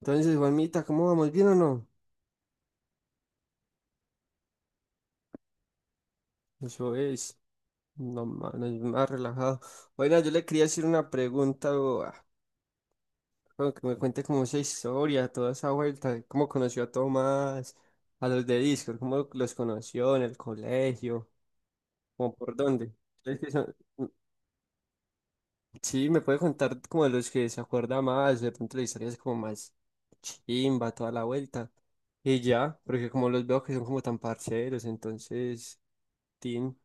Entonces, Juanmita, ¿cómo vamos? ¿Bien o no? Eso es, no, no, yo más relajado. Bueno, yo le quería hacer una pregunta, o, como que me cuente como esa historia, toda esa vuelta, de cómo conoció a Tomás, a los de Discord, cómo los conoció en el colegio, como por dónde. Es que son- Sí, me puede contar como de los que se acuerda más, de pronto la historia es como más chimba, toda la vuelta. Y ya, porque como los veo que son como tan parceros, entonces, tin.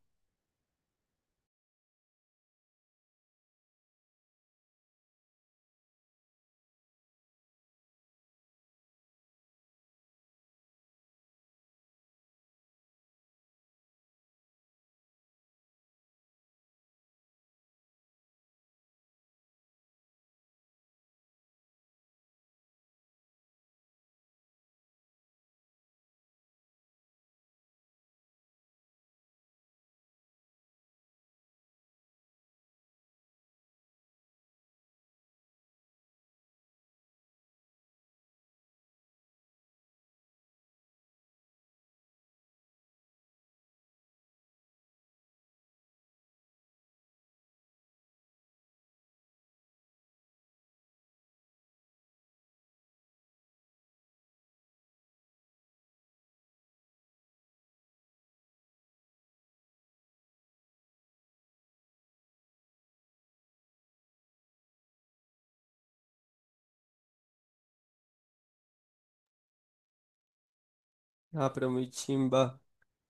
Ah, pero muy chimba.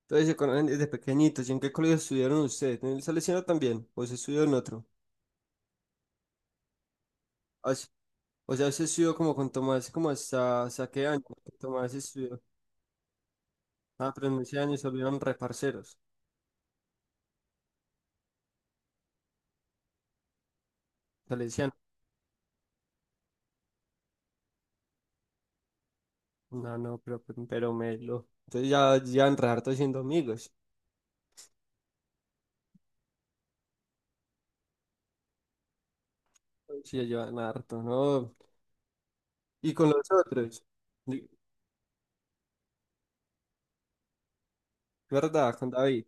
Entonces se conocen desde pequeñitos. ¿Y en qué colegio estudiaron ustedes? ¿En el Salesiano también? ¿O se estudió en otro? Ah, sí. O sea, se estudió como con Tomás, como hasta, ¿hasta qué año? Tomás estudió. Ah, pero en ese año se volvieron reparceros. Salesiano. No, no, pero melo. Entonces ya llevan re harto siendo amigos. Sí, ya llevan harto, ¿no? Y con los otros. Di- ¿Verdad? Con David.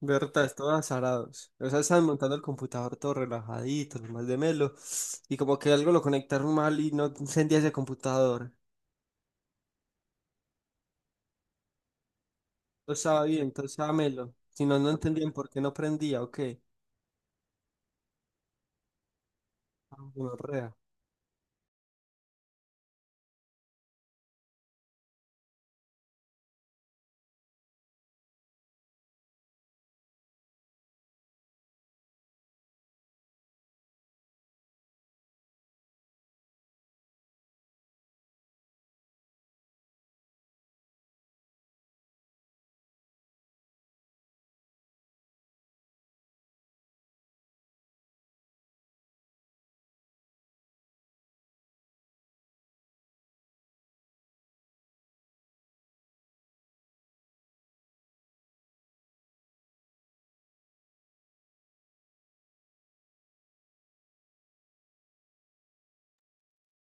Verdad, todos azarados. O sea, estaban montando el computador todo relajadito, lo más de melo. Y como que algo lo conectaron mal y no encendía ese computador. Todo estaba bien, todo estaba melo. Si no, no entendían por qué no prendía o qué. Ah, gonorrea.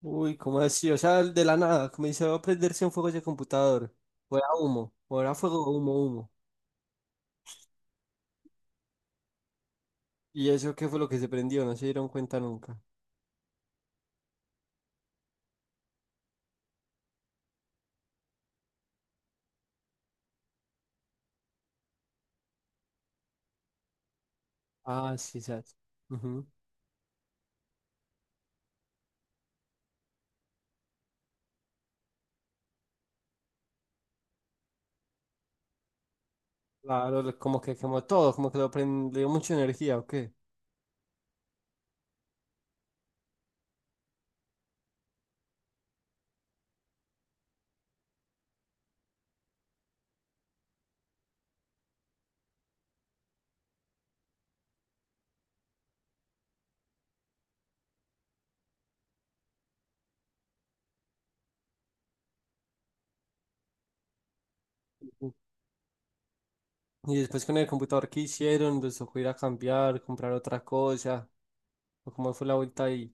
Uy, ¿cómo así? O sea, de la nada, como dice, va a prenderse un fuego ese computador. O era humo, o era fuego, humo, humo. ¿Y eso qué fue lo que se prendió? No se dieron cuenta nunca. Ah, sí, sabes. Ujú. Claro, como que quemó todo, como que lo prendió mucha energía o qué. Y después con el computador que hicieron, les tocó ir a cambiar, comprar otra cosa, o cómo fue la vuelta ahí.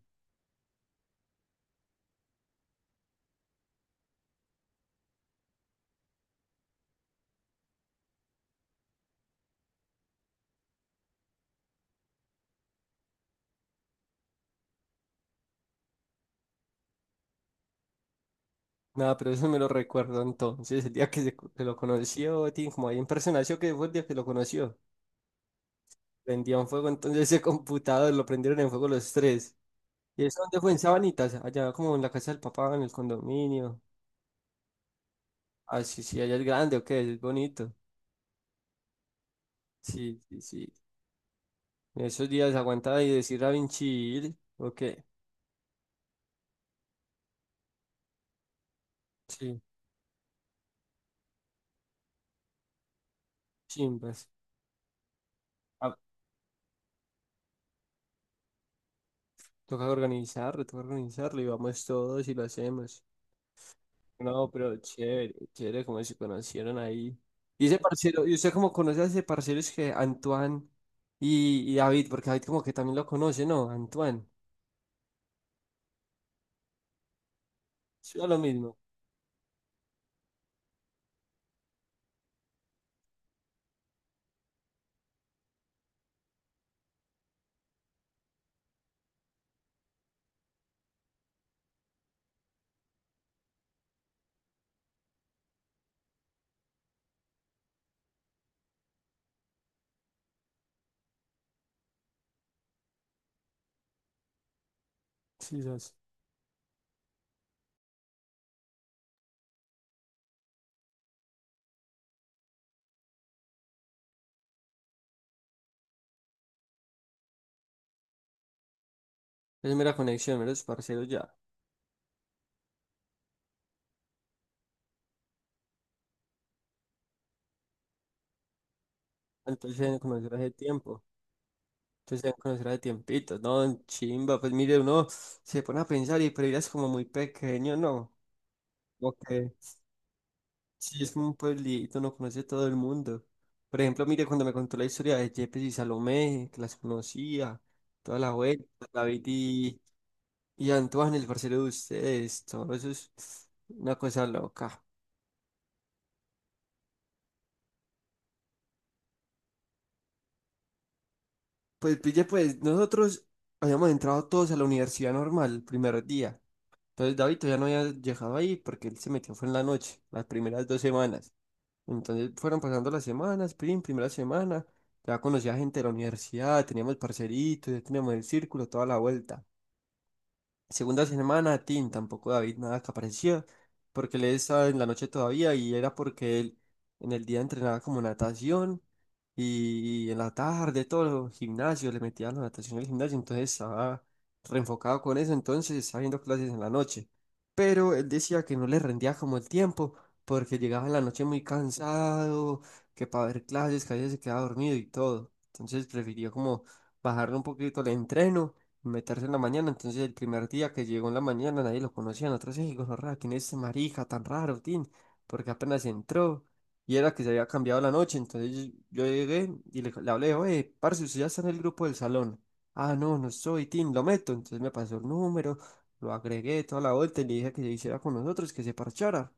Nada, pero eso me lo recuerdo entonces, el día que, que lo conoció, tiene como ahí en persona, ¿sí o qué fue el día que lo conoció? Prendían fuego entonces ese computador, lo prendieron en fuego los tres. ¿Y eso dónde fue? En Sabanitas, allá como en la casa del papá, en el condominio. Ah, sí, sí, allá es grande, ok, es bonito. Sí, sí, sí. En esos días aguantaba y decir a Vinci, ¿o qué? Sí, chimbas. Ah, toca organizarlo, toca organizarlo y vamos todos y lo hacemos. No, pero chévere, chévere como se conocieron ahí. Y ese parcero, ¿y usted cómo conoce a ese parcero? Es que Antoine y David, porque David como que también lo conoce, ¿no? Antoine, sí, lo mismo. Sí, sos. Es mera conexión, meros parceros ya. Entonces se deben conocer hace tiempo. Entonces se deben conocer hace tiempito, ¿no? Chimba, pues mire, uno se pone a pensar y pero ella es como muy pequeño, ¿no? Ok. Sí, es como un pueblito, no conoce todo el mundo. Por ejemplo, mire, cuando me contó la historia de Yepes y Salomé, que las conocía, toda la vuelta, David y Antoine, el parcero de ustedes, todo eso es una cosa loca. Pues pille, pues nosotros habíamos entrado todos a la universidad normal el primer día. Entonces David todavía no había llegado ahí porque él se metió fue en la noche, las primeras 2 semanas. Entonces fueron pasando las semanas, primera semana, ya conocía gente de la universidad, teníamos parceritos, ya teníamos el círculo, toda la vuelta. Segunda semana, Tim, tampoco David nada que aparecía, porque él estaba en la noche todavía y era porque él en el día entrenaba como natación y, en la tarde todos los gimnasios le metían la natación en el gimnasio, entonces estaba reenfocado con eso, entonces estaba viendo clases en la noche. Pero él decía que no le rendía como el tiempo, porque llegaba en la noche muy cansado, que para ver clases, que a veces se quedaba dormido y todo. Entonces prefirió como bajarle un poquito el entreno meterse en la mañana. Entonces, el primer día que llegó en la mañana, nadie lo conocía. Nosotros, "Ey, gonorrea, ¿quién es ese marica tan raro, tin? Porque apenas entró y era que se había cambiado la noche. Entonces, yo llegué y le hablé, oye, parce, usted ya está en el grupo del salón. Ah, no, no soy, tin, lo meto. Entonces, me pasó el número, lo agregué toda la vuelta y le dije que se hiciera con nosotros, que se parchara.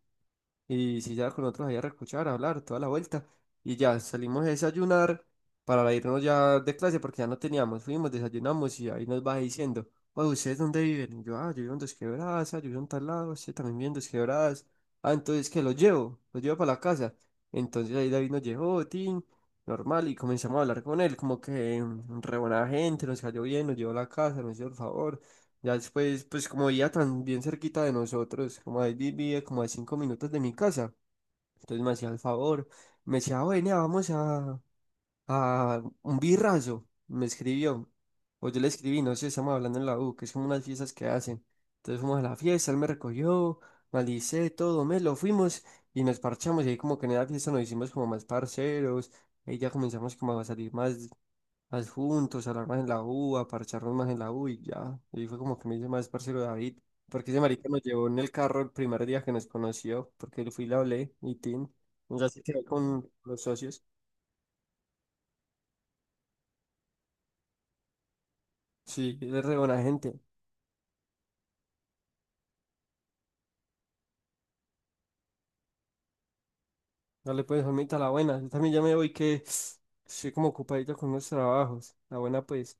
Y si ya con nosotros allá a recochar, a hablar, toda la vuelta. Y ya salimos a desayunar para irnos ya de clase porque ya no teníamos. Fuimos, desayunamos y ahí nos va diciendo, oye, ¿ustedes dónde viven? Y yo, ah, yo vivo en Dos Quebradas, ah, yo vivo en tal lado, usted también vive en Dos Quebradas. Ah, entonces que los llevo para la casa. Entonces ahí David nos llevó, tin, normal, y comenzamos a hablar con él, como que mm, re buena gente, nos cayó bien, nos llevó a la casa, nos hizo el favor. Ya después, pues como vivía tan bien cerquita de nosotros, como ahí vivía como a 5 minutos de mi casa, entonces me hacía el favor, me decía, bueno, a un birrazo, me escribió, o yo le escribí, no sé, estamos hablando en la U, que es como unas fiestas que hacen, entonces fuimos a la fiesta, él me recogió, me alicé, todo, me lo fuimos y nos parchamos, y ahí como que en la fiesta nos hicimos como más parceros, ahí ya comenzamos como a salir más, adjuntos, hablar más en la U, a parcharnos más en la U y ya. Y fue como que me hice más parcero de David, porque ese marica nos llevó en el carro el primer día que nos conoció, porque yo fui y le hablé y tin, ya se quedó con los socios. Sí, él es re buena gente. Dale pues, Juanmita, la buena. Yo también ya me voy que estoy como ocupadito con los trabajos. La buena pues.